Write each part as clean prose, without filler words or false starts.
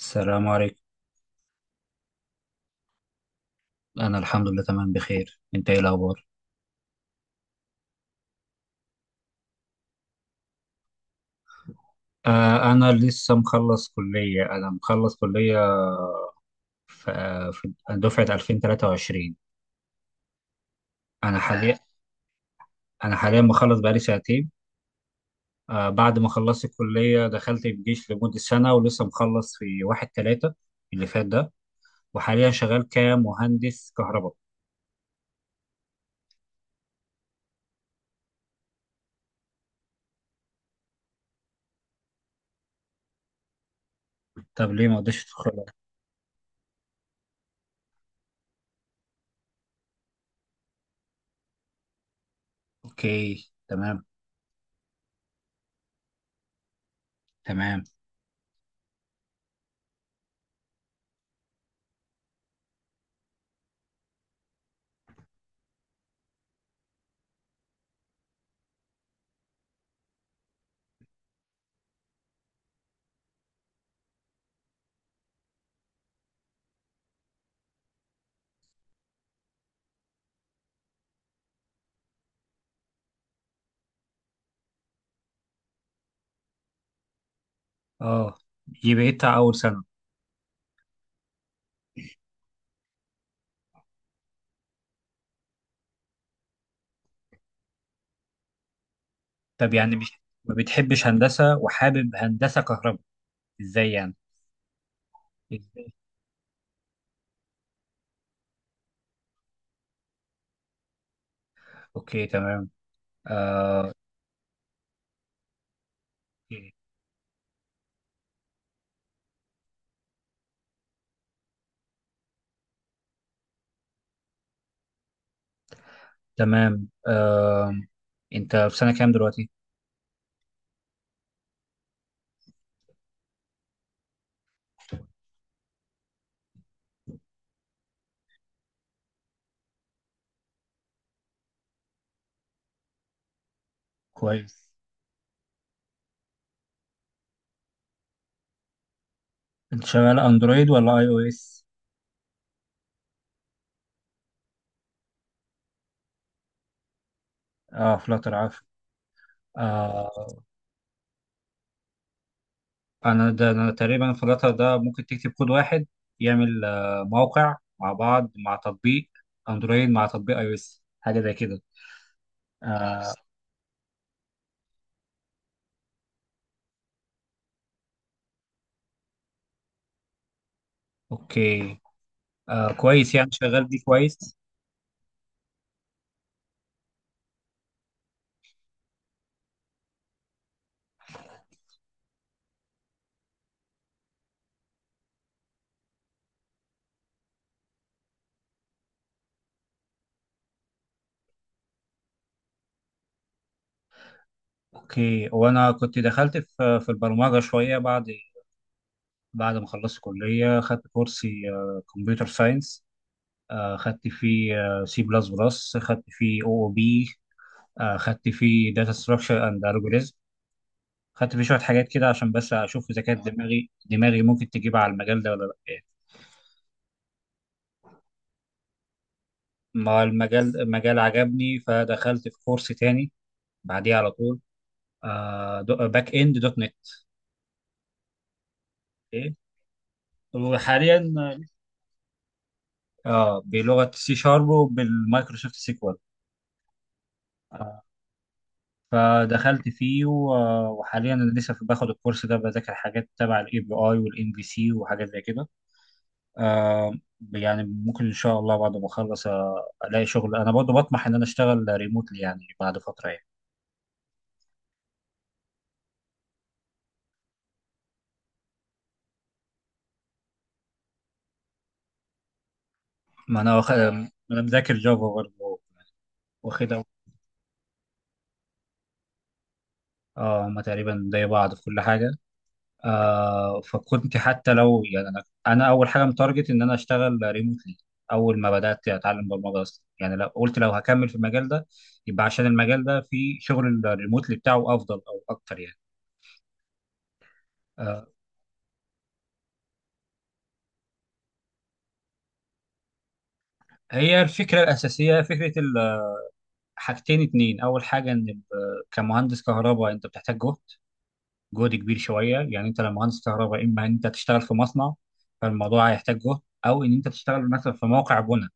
السلام عليكم. أنا الحمد لله تمام بخير، أنت إيه الأخبار؟ أنا لسه مخلص كلية، أنا مخلص كلية في دفعة 2023. أنا حاليا أنا حاليا مخلص بقالي سنتين. بعد ما خلصت الكلية دخلت الجيش لمدة سنة، ولسه مخلص في واحد تلاتة اللي فات ده، وحاليا شغال كمهندس كهرباء. طب ليه ما قدرتش تدخل؟ أوكي تمام. تمام. أه دي بقيت أول سنة. طب يعني مش، ما بتحبش هندسة وحابب هندسة كهرباء، ازاي يعني؟ إزاي؟ اوكي تمام. آه، أوكي. تمام. انت في سنة كام دلوقتي؟ كويس. انت شغال اندرويد ولا اي او اس؟ اه، فلاتر عفوا. آه. انا تقريبا فلاتر ده، ممكن تكتب كود واحد يعمل موقع مع بعض، مع تطبيق اندرويد، مع تطبيق اي او اس، حاجة زي كده. آه. اوكي. آه. كويس يعني، شغال دي كويس. اوكي، وانا كنت دخلت في البرمجه شويه بعد، بعد ما خلصت كليه خدت كورسي كمبيوتر ساينس. خدت فيه سي بلس بلس، خدت فيه او او بي، خدت فيه داتا ستراكشر اند الجوريزم، خدت فيه شويه حاجات كده عشان بس اشوف اذا كانت دماغي ممكن تجيب على المجال ده ولا لا. ما المجال عجبني، فدخلت في كورس تاني بعديه على طول، باك اند دوت نت. اوكي، وحاليا. اه، بلغه سي شارب وبالمايكروسوفت سيكوال. آه، فدخلت فيه وحاليا انا لسه باخد الكورس ده، بذاكر حاجات تبع الاي بي اي والان بي سي وحاجات زي كده. آه يعني ممكن ان شاء الله بعد ما اخلص الاقي شغل، انا برضه بطمح ان انا اشتغل ريموتلي يعني بعد فتره يعني. ما انا واخد، ما انا مذاكر جافا برضه، واخدها. اه، هما تقريبا زي بعض في كل حاجه. فكنت حتى لو يعني انا اول حاجه متارجت ان انا اشتغل ريموتلي، اول ما بدات اتعلم برمجه اصلا، يعني لو قلت لو هكمل في المجال ده يبقى عشان المجال ده في شغل الريموتلي بتاعه افضل او اكتر يعني. آه هي الفكره الاساسيه، فكره ال-، حاجتين اتنين، اول حاجه ان ال-، كمهندس كهرباء انت بتحتاج جهد، جهد كبير شويه يعني. انت لو مهندس كهرباء، اما ان انت تشتغل في مصنع فالموضوع هيحتاج جهد، او ان انت تشتغل مثلا في موقع بناء،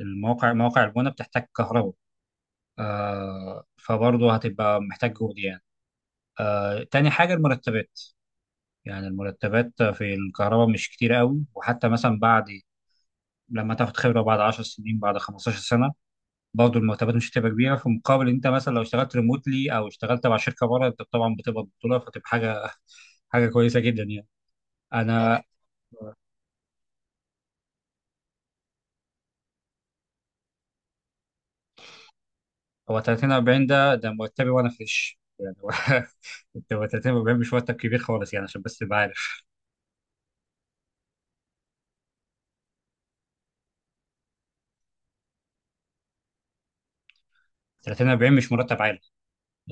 مواقع البناء بتحتاج كهرباء. فبرضه هتبقى محتاج جهد يعني. تاني حاجة المرتبات. يعني المرتبات في الكهرباء مش كتير قوي، وحتى مثلا بعد لما تاخد خبرة، بعد 10 سنين، بعد 15 سنة، برضه المرتبات مش هتبقى كبيرة، في مقابل انت مثلا لو اشتغلت ريموتلي او اشتغلت مع شركة بره، انت طبعا بتبقى بطولة فتبقى حاجة حاجة كويسة جدا يعني. اه، انا. هو 30 40 ده مرتبي وانا فريش يعني انت، هو 30 40 مش مرتب كبير خالص يعني، عشان بس تبقى عارف. 30 40 مش مرتب عالي.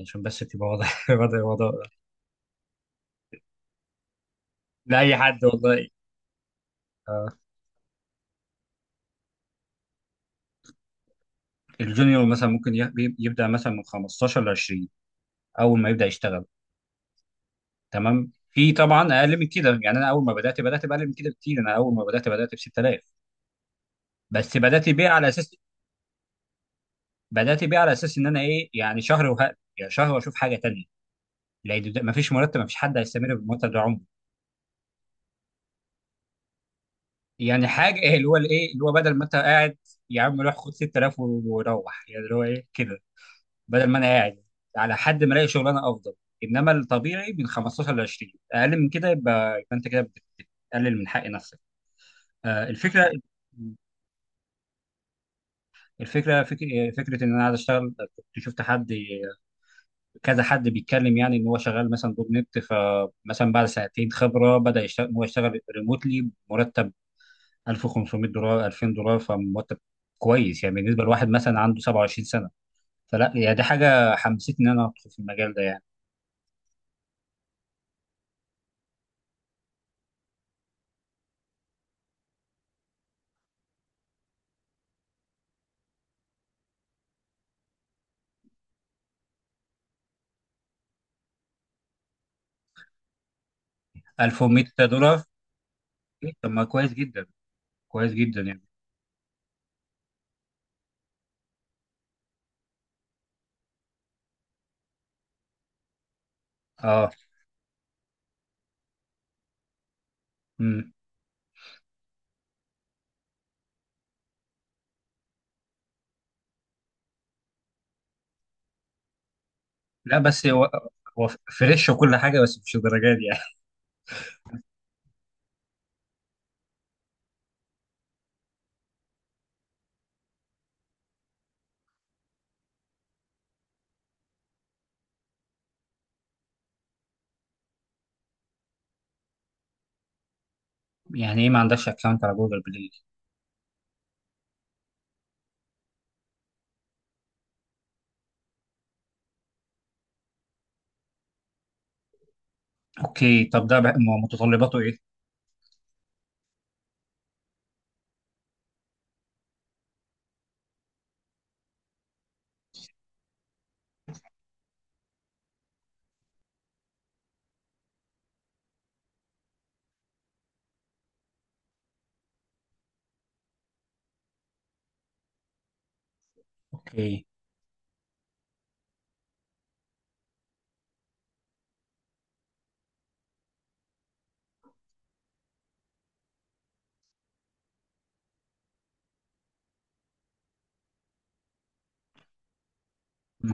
عشان بس تبقى واضح واضح الموضوع ده. لأي حد والله. آه. الجونيور مثلا ممكن يبدأ مثلا من 15 ل 20، أول ما يبدأ يشتغل. تمام، في طبعا أقل من كده يعني، أنا أول ما بدأت بأقل من كده بكتير، أنا أول ما بدأت ب 6,000. بس بدأت بيه على أساس بدأت بيه على أساس إن أنا إيه، يعني شهر وهقل، يعني شهر وأشوف حاجة تانية. لأن مفيش مرتب، مفيش حد هيستمر بالمرتب ده عمره. يعني حاجة اللي هو الإيه، اللي هو بدل ما أنت قاعد يا عم روح خد 6,000 وروح، يعني اللي هو إيه كده، بدل ما انا قاعد على حد ما الاقي شغلانه افضل. انما الطبيعي من 15 ل 20، اقل من كده يبقى انت كده بتقلل من حق نفسك. آه، الفكره الفكره فك... فكره ان انا عايز اشتغل، كنت شفت حد، كذا حد بيتكلم يعني ان هو شغال مثلا دوت نت، فمثلا بعد سنتين خبره، بدا يشتغل، هو يشتغل ريموتلي بمرتب 1500 دولار، 2000 دولار، فمرتب كويس يعني بالنسبه لواحد مثلا عنده 27 سنه. فلا يعني، دي حاجه حمستني ان انا ادخل في المجال ده يعني. 1100 دولار؟ إيه، طب ما كويس جدا، كويس جدا يعني. اه. مم. لا، بس هو فريش وكل حاجه، بس مش الدرجات دي يعني. يعني ايه ما عندكش اكونت على جوجل بلاي؟ اوكي، طب ده بقى متطلباته ايه؟ اوكي. مم.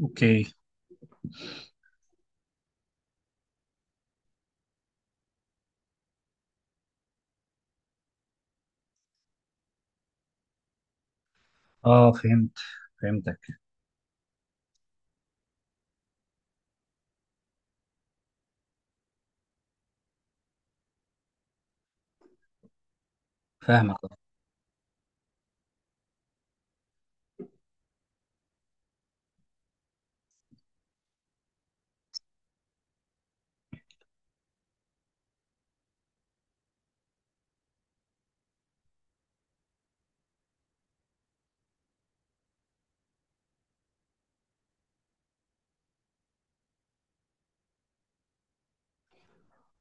اوكي. اه، فهمت. فهمتك. فاهمك.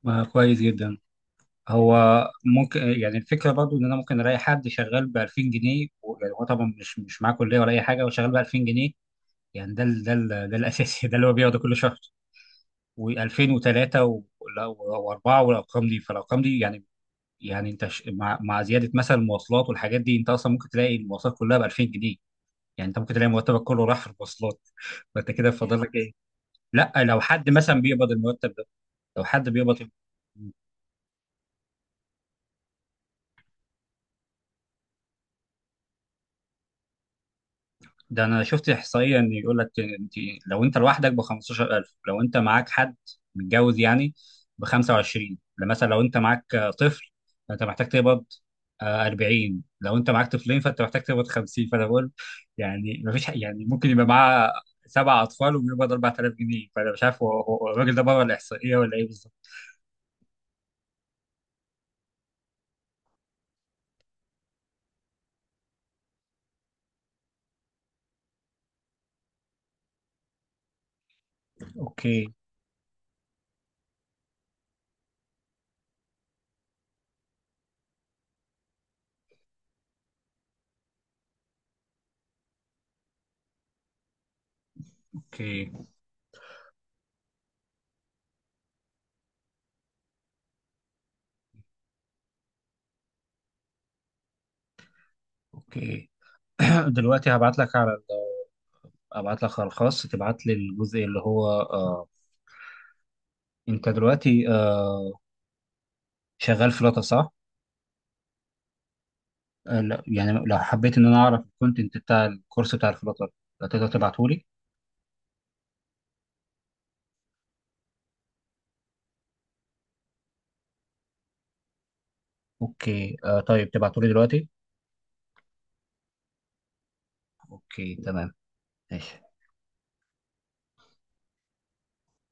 آه، كويس جدا. هو ممكن يعني الفكره برضو ان انا ممكن الاقي حد شغال ب 2000 جنيه يعني هو طبعا مش معاه كليه ولا اي حاجه وشغال ب 2000 جنيه. يعني ده الاساسي ده اللي هو بياخده كل شهر. و2003 و4 والارقام دي، فالارقام دي يعني. يعني انت مع زياده مثلا المواصلات والحاجات دي، انت اصلا ممكن تلاقي المواصلات كلها ب 2000 جنيه. يعني انت ممكن تلاقي مرتبك كله راح في المواصلات فانت كده فاضل لك ايه؟ لا، لو حد مثلا بيقبض المرتب ده، لو حد بيقبض، ده انا شفت احصائيه ان يقول لك، انت لو انت لوحدك ب 15,000، لو انت معاك حد متجوز يعني ب 25 مثلا، لو انت معاك طفل فانت محتاج تقبض 40، لو انت معاك طفلين فانت محتاج تقبض 50 فانا بقول. يعني ما فيش يعني ممكن يبقى معاه سبع اطفال وبيقبض 4000 جنيه، فانا مش عارف هو الراجل ده بره الاحصائيه ولا ايه بالظبط. اوكي، اوكي، اوكي. دلوقتي هبعت لك على ال-، ابعت لك على الخاص تبعت لي الجزء اللي هو، انت دلوقتي شغال فلاتر صح؟ لا يعني، لو حبيت ان انا اعرف الكونتنت بتاع الكورس بتاع الفلاتر، تقدر تبعته لي؟ اوكي، طيب تبعته لي دلوقتي؟ اوكي تمام، ماشي.